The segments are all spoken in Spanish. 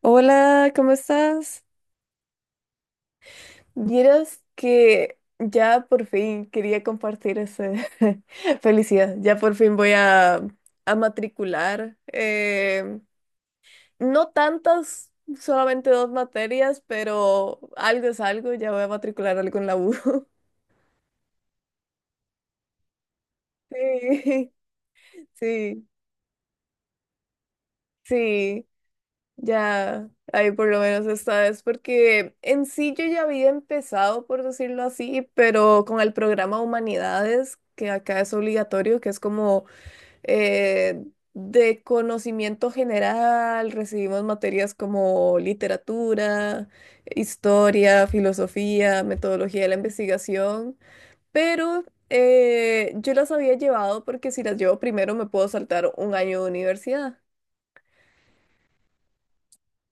Hola, ¿cómo estás? Vieras que ya por fin quería compartir esa felicidad. Ya por fin voy a matricular. No tantas, solamente dos materias, pero algo es algo. Ya voy a matricular algo en la U. Sí, sí, sí. Ya, ahí por lo menos esta vez, porque en sí yo ya había empezado, por decirlo así, pero con el programa Humanidades, que acá es obligatorio, que es como eh, de conocimiento general, recibimos materias como literatura, historia, filosofía, metodología de la investigación, pero yo las había llevado porque si las llevo primero me puedo saltar un año de universidad.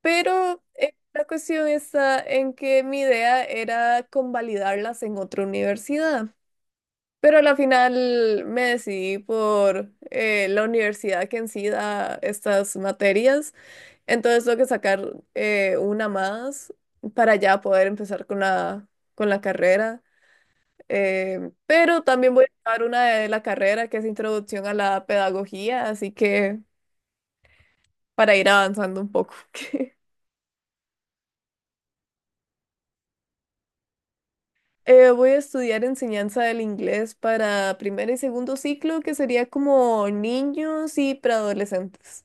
Pero la cuestión está en que mi idea era convalidarlas en otra universidad. Pero a la final me decidí por la universidad que en sí da estas materias. Entonces tengo que sacar una más para ya poder empezar con la carrera. Pero también voy a sacar una de la carrera que es Introducción a la Pedagogía, así que para ir avanzando un poco. Voy a estudiar enseñanza del inglés para primer y segundo ciclo, que sería como niños y preadolescentes.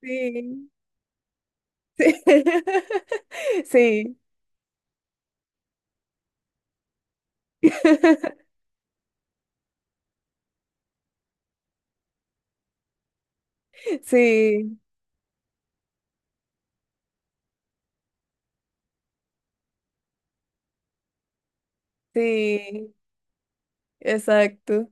Sí, sí, sí, sí, sí, exacto.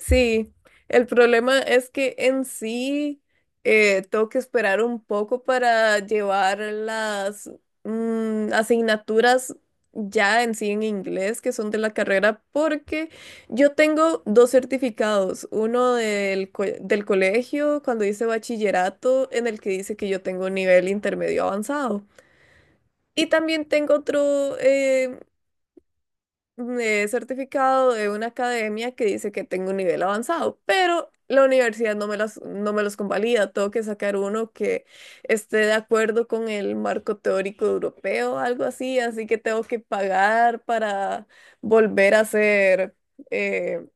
Sí, el problema es que en sí tengo que esperar un poco para llevar las asignaturas ya en sí en inglés que son de la carrera porque yo tengo dos certificados, uno del, del colegio cuando hice bachillerato en el que dice que yo tengo un nivel intermedio avanzado. Y también tengo otro me certificado de una academia que dice que tengo un nivel avanzado, pero la universidad no me las, no me los convalida. Tengo que sacar uno que esté de acuerdo con el marco teórico europeo, algo así, así que tengo que pagar para volver a hacer eh,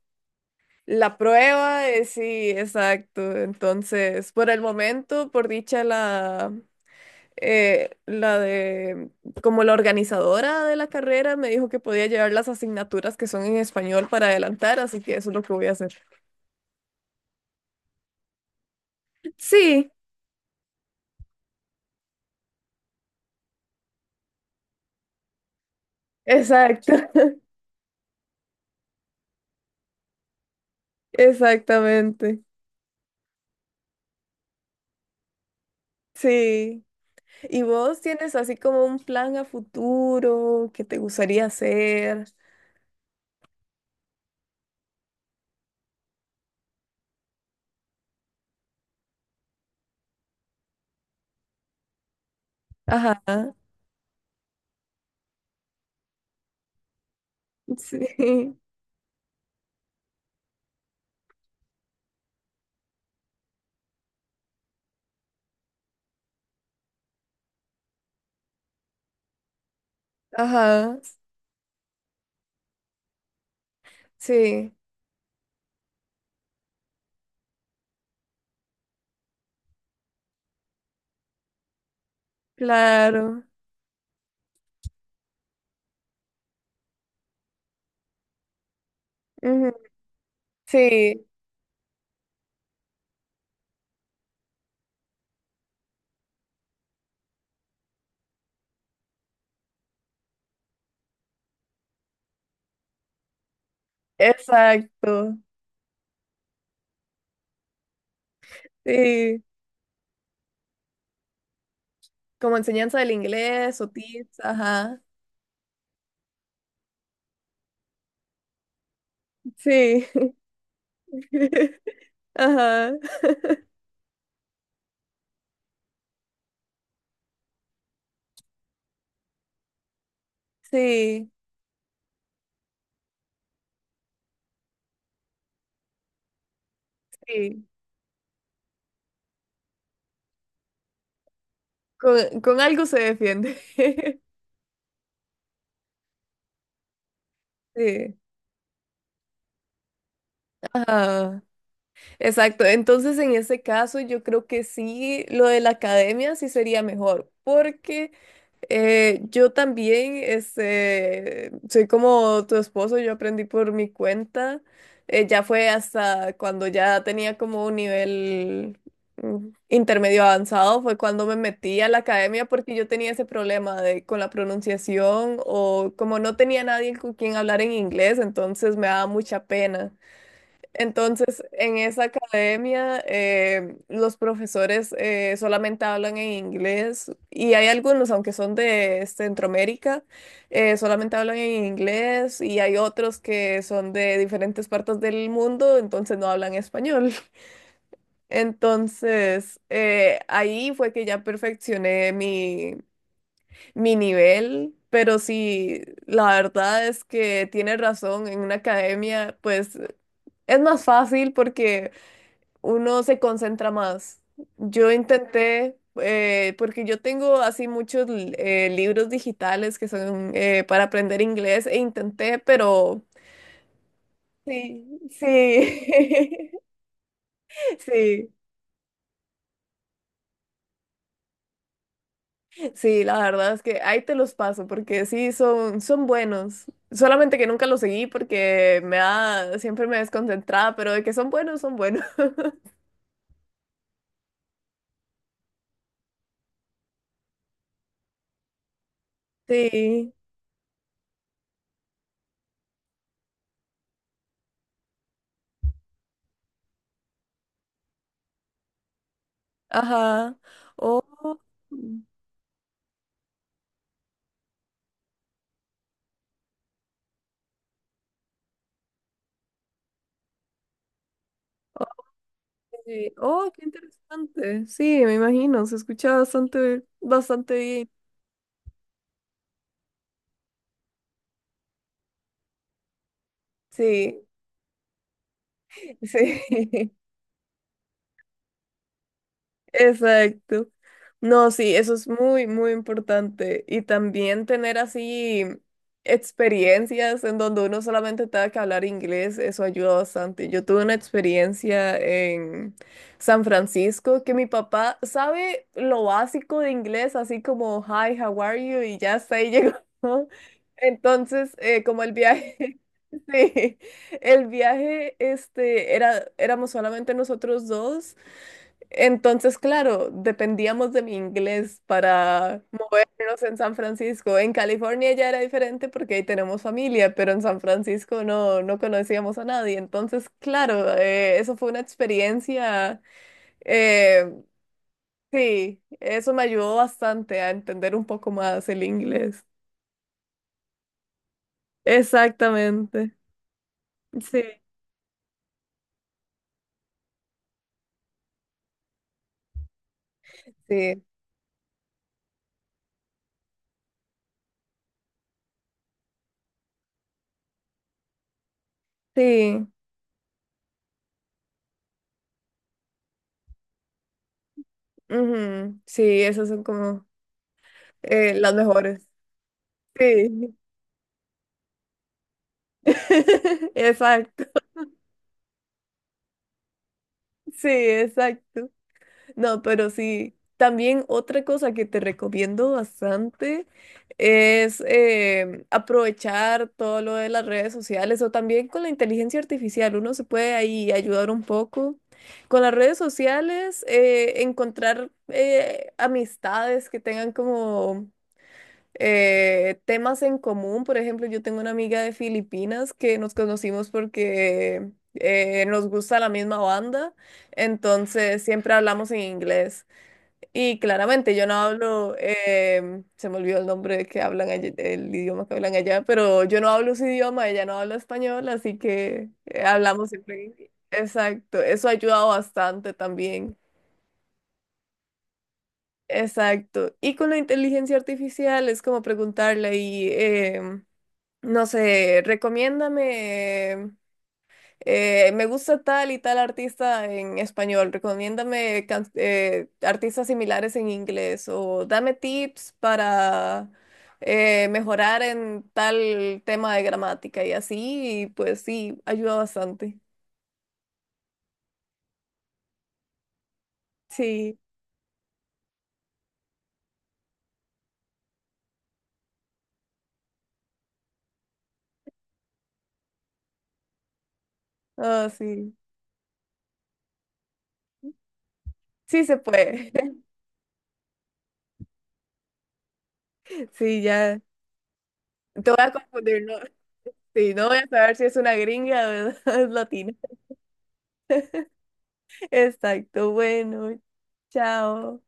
la prueba. Sí, exacto. Entonces, por el momento, por dicha la la de, como la organizadora de la carrera me dijo que podía llevar las asignaturas que son en español para adelantar, así que eso es lo que voy a hacer. Sí, exacto, exactamente. Sí. ¿Y vos tienes así como un plan a futuro que te gustaría hacer? Ajá, sí, ajá, sí, claro. Ujú, sí, exacto. Sí, como enseñanza del inglés o tips, ajá. Sí. Ajá. Sí, sí. Con algo se defiende. Sí. Ajá. Exacto. Entonces, en ese caso, yo creo que sí, lo de la academia sí sería mejor, porque yo también, este, soy como tu esposo, yo aprendí por mi cuenta. Ya fue hasta cuando ya tenía como un nivel intermedio avanzado, fue cuando me metí a la academia porque yo tenía ese problema de, con la pronunciación o como no tenía nadie con quien hablar en inglés, entonces me daba mucha pena. Entonces, en esa academia, los profesores solamente hablan en inglés y hay algunos, aunque son de Centroamérica, solamente hablan en inglés y hay otros que son de diferentes partes del mundo, entonces no hablan español. Entonces, ahí fue que ya perfeccioné mi, mi nivel, pero sí, la verdad es que tiene razón, en una academia, pues... Es más fácil porque uno se concentra más. Yo intenté, porque yo tengo así muchos libros digitales que son para aprender inglés e intenté, pero... Sí, sí, sí, sí, la verdad es que ahí te los paso porque sí, son, son buenos. Solamente que nunca los seguí porque me da, siempre me desconcentraba, pero de que son buenos, son buenos. Sí, ajá. Oh. Sí. Oh, qué interesante. Sí, me imagino, se escucha bastante, bastante bien. Sí, sí. Exacto. No, sí, eso es muy, muy importante. Y también tener así experiencias en donde uno solamente tenga que hablar inglés, eso ayuda bastante. Yo tuve una experiencia en San Francisco que mi papá sabe lo básico de inglés, así como hi, how are you, y ya está ahí llegó. Entonces, como el viaje, sí, el viaje, este, era, éramos solamente nosotros dos. Entonces, claro, dependíamos de mi inglés para movernos en San Francisco. En California ya era diferente porque ahí tenemos familia, pero en San Francisco no, no conocíamos a nadie. Entonces, claro, eso fue una experiencia, eh, sí, eso me ayudó bastante a entender un poco más el inglés. Exactamente. Sí, sí, sí. Ujú, sí, esas son como las mejores. Sí, exacto. Sí, exacto. No, pero sí. También otra cosa que te recomiendo bastante es aprovechar todo lo de las redes sociales o también con la inteligencia artificial. Uno se puede ahí ayudar un poco. Con las redes sociales, encontrar amistades que tengan como temas en común. Por ejemplo, yo tengo una amiga de Filipinas que nos conocimos porque nos gusta la misma banda, entonces siempre hablamos en inglés. Y claramente yo no hablo, se me olvidó el nombre que hablan el idioma que hablan allá, pero yo no hablo su idioma, ella no habla español, así que hablamos siempre en inglés. Exacto, eso ha ayudado bastante también. Exacto. Y con la inteligencia artificial es como preguntarle y no sé, recomiéndame, me gusta tal y tal artista en español, recomiéndame artistas similares en inglés o dame tips para mejorar en tal tema de gramática y así, y pues sí, ayuda bastante. Sí, ah, sí, sí se puede. Sí, ya, te voy a confundir, ¿no? Sí, no voy a saber si es una gringa o es es latina. Exacto, bueno, chao.